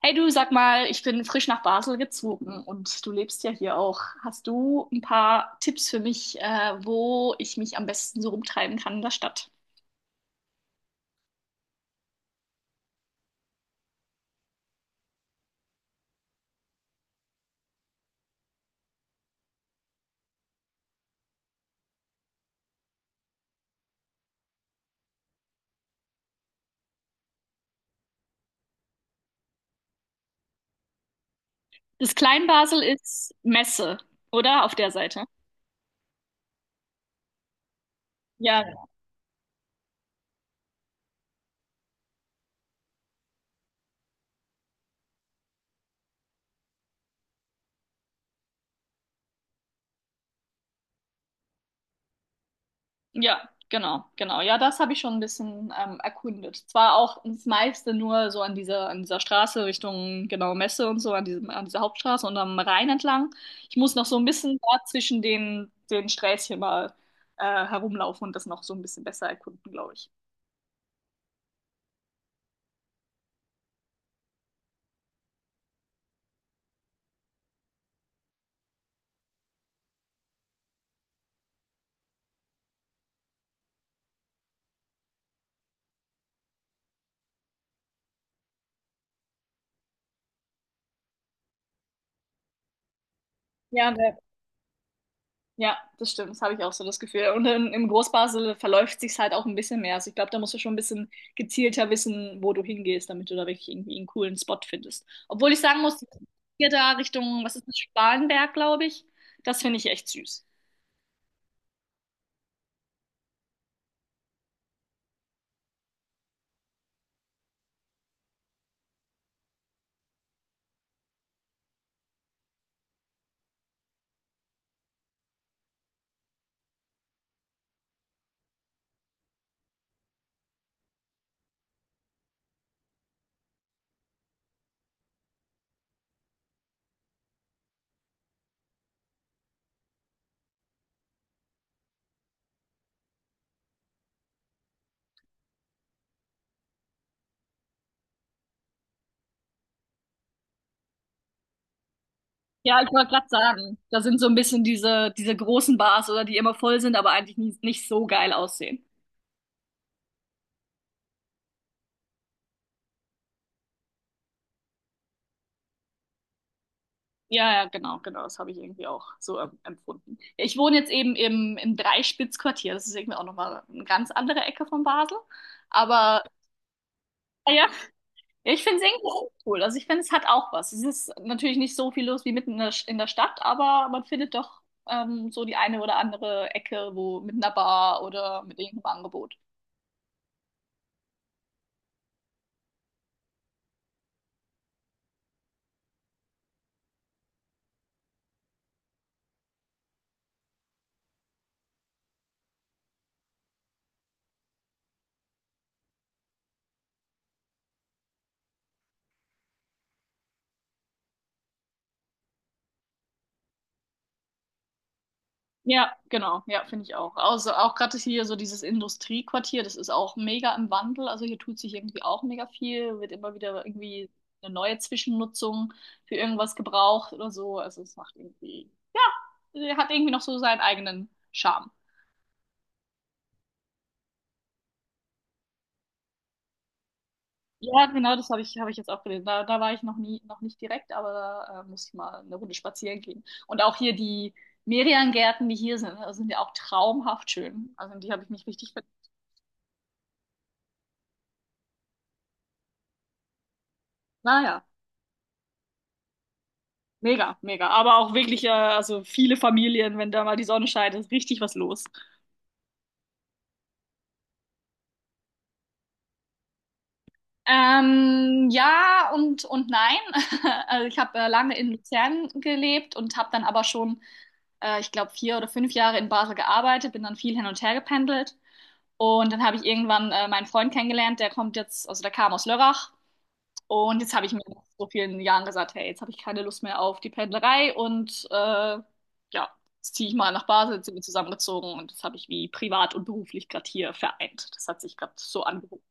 Hey du, sag mal, ich bin frisch nach Basel gezogen und du lebst ja hier auch. Hast du ein paar Tipps für mich, wo ich mich am besten so rumtreiben kann in der Stadt? Das Kleinbasel ist Messe, oder? Auf der Seite. Ja, ja, genau, genau. Ja, das habe ich schon ein bisschen erkundet. Zwar auch das meiste nur so an dieser Straße Richtung, genau, Messe und so, an dieser Hauptstraße und am Rhein entlang. Ich muss noch so ein bisschen da zwischen den Sträßchen mal herumlaufen und das noch so ein bisschen besser erkunden, glaube ich. Ja, ja, das stimmt. Das habe ich auch so das Gefühl. Und im Großbasel verläuft sich's halt auch ein bisschen mehr. Also ich glaube, da musst du schon ein bisschen gezielter wissen, wo du hingehst, damit du da wirklich irgendwie einen coolen Spot findest. Obwohl ich sagen muss, hier da Richtung, was ist das, Spalenberg, glaube ich, das finde ich echt süß. Ja, ich wollte gerade sagen, da sind so ein bisschen diese großen Bars oder die immer voll sind, aber eigentlich nie, nicht so geil aussehen. Ja, ja, genau, genau, das habe ich irgendwie auch so empfunden. Ja, ich wohne jetzt eben im Dreispitzquartier, das ist irgendwie auch nochmal eine ganz andere Ecke von Basel, aber ah ja, ja, ich finde es irgendwie auch cool, also ich finde, es hat auch was. Es ist natürlich nicht so viel los wie mitten in der Stadt, aber man findet doch so die eine oder andere Ecke, wo mit einer Bar oder mit irgendeinem Angebot. Ja, genau. Ja, finde ich auch. Also auch gerade hier so dieses Industriequartier, das ist auch mega im Wandel. Also hier tut sich irgendwie auch mega viel, wird immer wieder irgendwie eine neue Zwischennutzung für irgendwas gebraucht oder so. Also es macht irgendwie, ja, hat irgendwie noch so seinen eigenen Charme. Ja, genau, das habe ich jetzt auch gelesen. Da war ich noch nie, noch nicht direkt, aber da muss ich mal eine Runde spazieren gehen. Und auch hier die Merian-Gärten, die hier sind, also sind ja auch traumhaft schön. Also in die habe ich mich richtig verliebt. Naja. Mega, mega. Aber auch wirklich, also viele Familien, wenn da mal die Sonne scheint, ist richtig was los. Ja und nein. Also ich habe lange in Luzern gelebt und habe dann aber schon, ich glaube, vier oder fünf Jahre in Basel gearbeitet, bin dann viel hin und her gependelt. Und dann habe ich irgendwann meinen Freund kennengelernt, der kommt jetzt, also der kam aus Lörrach. Und jetzt habe ich mir nach so vielen Jahren gesagt, hey, jetzt habe ich keine Lust mehr auf die Pendlerei und ja, jetzt ziehe ich mal nach Basel, jetzt sind wir zusammengezogen und das habe ich wie privat und beruflich gerade hier vereint. Das hat sich gerade so angeboten.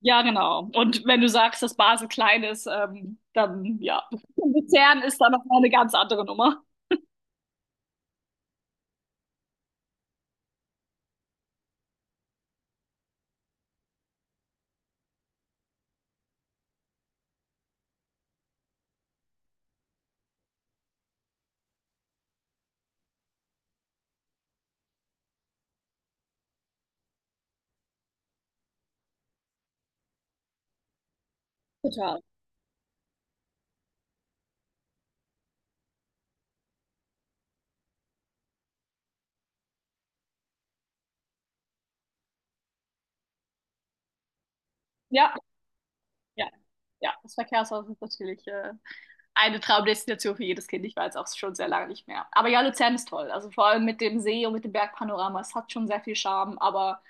Ja, genau. Und wenn du sagst, dass Basel klein ist, dann ja, Luzern ist da noch mal eine ganz andere Nummer. Total. Ja, ja, ja. Das Verkehrshaus ist natürlich eine Traumdestination für jedes Kind. Ich war jetzt auch schon sehr lange nicht mehr. Aber ja, Luzern ist toll. Also vor allem mit dem See und mit dem Bergpanorama. Es hat schon sehr viel Charme, aber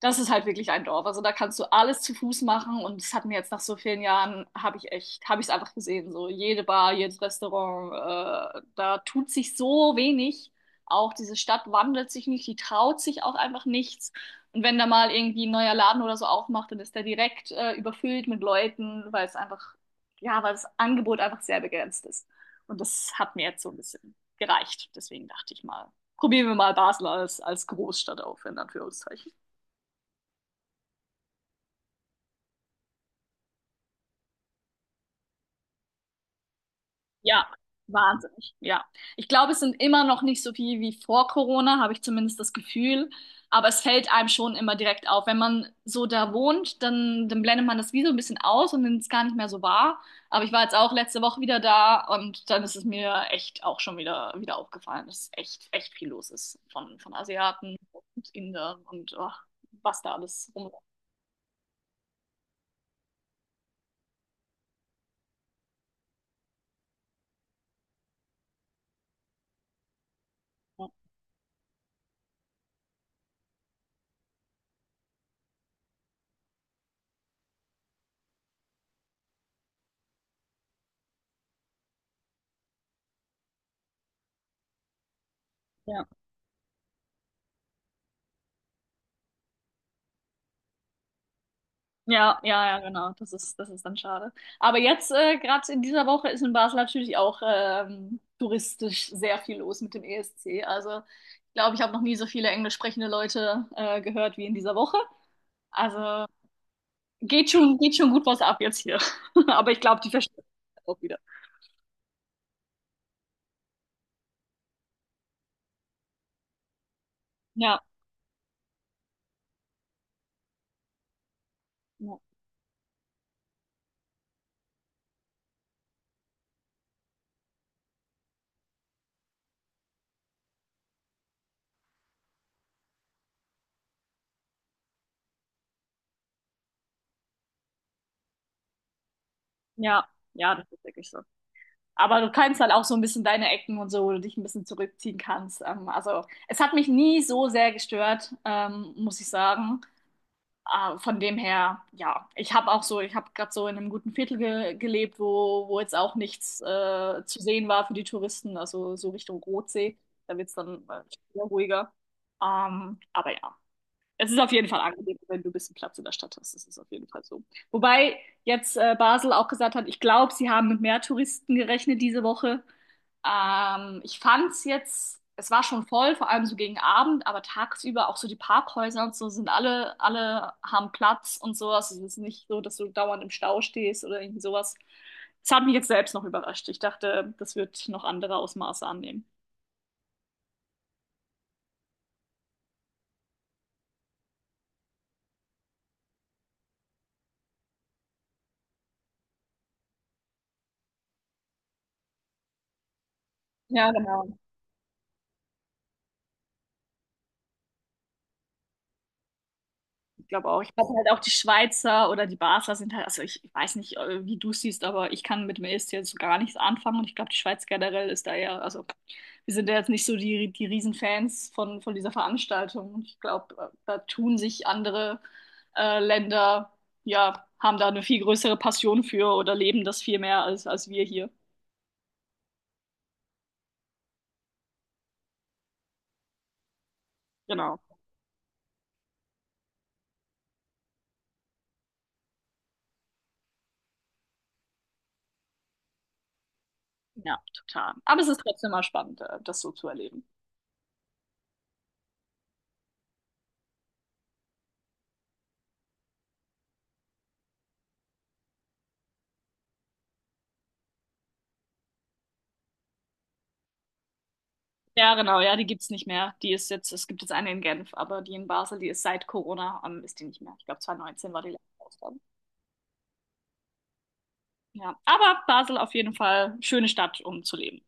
das ist halt wirklich ein Dorf. Also da kannst du alles zu Fuß machen und das hat mir jetzt nach so vielen Jahren, habe ich echt, habe ich es einfach gesehen. So jede Bar, jedes Restaurant, da tut sich so wenig. Auch diese Stadt wandelt sich nicht, die traut sich auch einfach nichts. Und wenn da mal irgendwie ein neuer Laden oder so aufmacht, dann ist der direkt überfüllt mit Leuten, weil es einfach, ja, weil das Angebot einfach sehr begrenzt ist. Und das hat mir jetzt so ein bisschen gereicht. Deswegen dachte ich mal, probieren wir mal Basel als Großstadt auf, in Anführungszeichen. Ja, wahnsinnig. Ja. Ich glaube, es sind immer noch nicht so viel wie vor Corona, habe ich zumindest das Gefühl. Aber es fällt einem schon immer direkt auf. Wenn man so da wohnt, dann blendet man das wie so ein bisschen aus und nimmt es gar nicht mehr so wahr. Aber ich war jetzt auch letzte Woche wieder da und dann ist es mir echt auch schon wieder, wieder aufgefallen, dass echt, echt viel los ist von Asiaten und Indern und oh, was da alles rum. Ja. Ja, ja, ja, genau. Das ist dann schade. Aber jetzt, gerade in dieser Woche, ist in Basel natürlich auch touristisch sehr viel los mit dem ESC. Also, ich glaube, ich habe noch nie so viele englisch sprechende Leute gehört wie in dieser Woche. Also, geht schon gut was ab jetzt hier. Aber ich glaube, die verstehen das auch wieder. Ja, ja, ja, ja, das ist wirklich so. Aber du kannst halt auch so ein bisschen deine Ecken und so, wo du dich ein bisschen zurückziehen kannst. Also, es hat mich nie so sehr gestört, muss ich sagen. Ah, von dem her, ja, ich habe auch so, ich habe gerade so in einem guten Viertel ge gelebt, wo jetzt auch nichts zu sehen war für die Touristen, also so Richtung Rotsee. Da wird's dann wieder ruhiger. Aber ja. Es ist auf jeden Fall angenehm, wenn du ein bisschen Platz in der Stadt hast. Das ist auf jeden Fall so. Wobei jetzt Basel auch gesagt hat, ich glaube, sie haben mit mehr Touristen gerechnet diese Woche. Ich fand es jetzt, es war schon voll, vor allem so gegen Abend, aber tagsüber auch so die Parkhäuser und so sind alle, alle haben Platz und so. Also es ist nicht so, dass du dauernd im Stau stehst oder irgendwie sowas. Das hat mich jetzt selbst noch überrascht. Ich dachte, das wird noch andere Ausmaße annehmen. Ja, genau. Ich glaube auch. Ich, also halt auch die Schweizer oder die Basler sind halt, also ich weiß nicht, wie du es siehst, aber ich kann mit Milch jetzt so gar nichts anfangen und ich glaube, die Schweiz generell ist da eher, also wir sind ja jetzt nicht so die Riesenfans von dieser Veranstaltung. Und ich glaube, da tun sich andere Länder, ja, haben da eine viel größere Passion für oder leben das viel mehr als, als wir hier. Genau. Ja, total. Aber es ist trotzdem mal spannend, das so zu erleben. Ja, genau, ja, die gibt's nicht mehr. Die ist jetzt, es gibt jetzt eine in Genf, aber die in Basel, die ist seit Corona, ist die nicht mehr. Ich glaube, 2019 war die letzte Ausgabe. Ja, aber Basel auf jeden Fall schöne Stadt, um zu leben.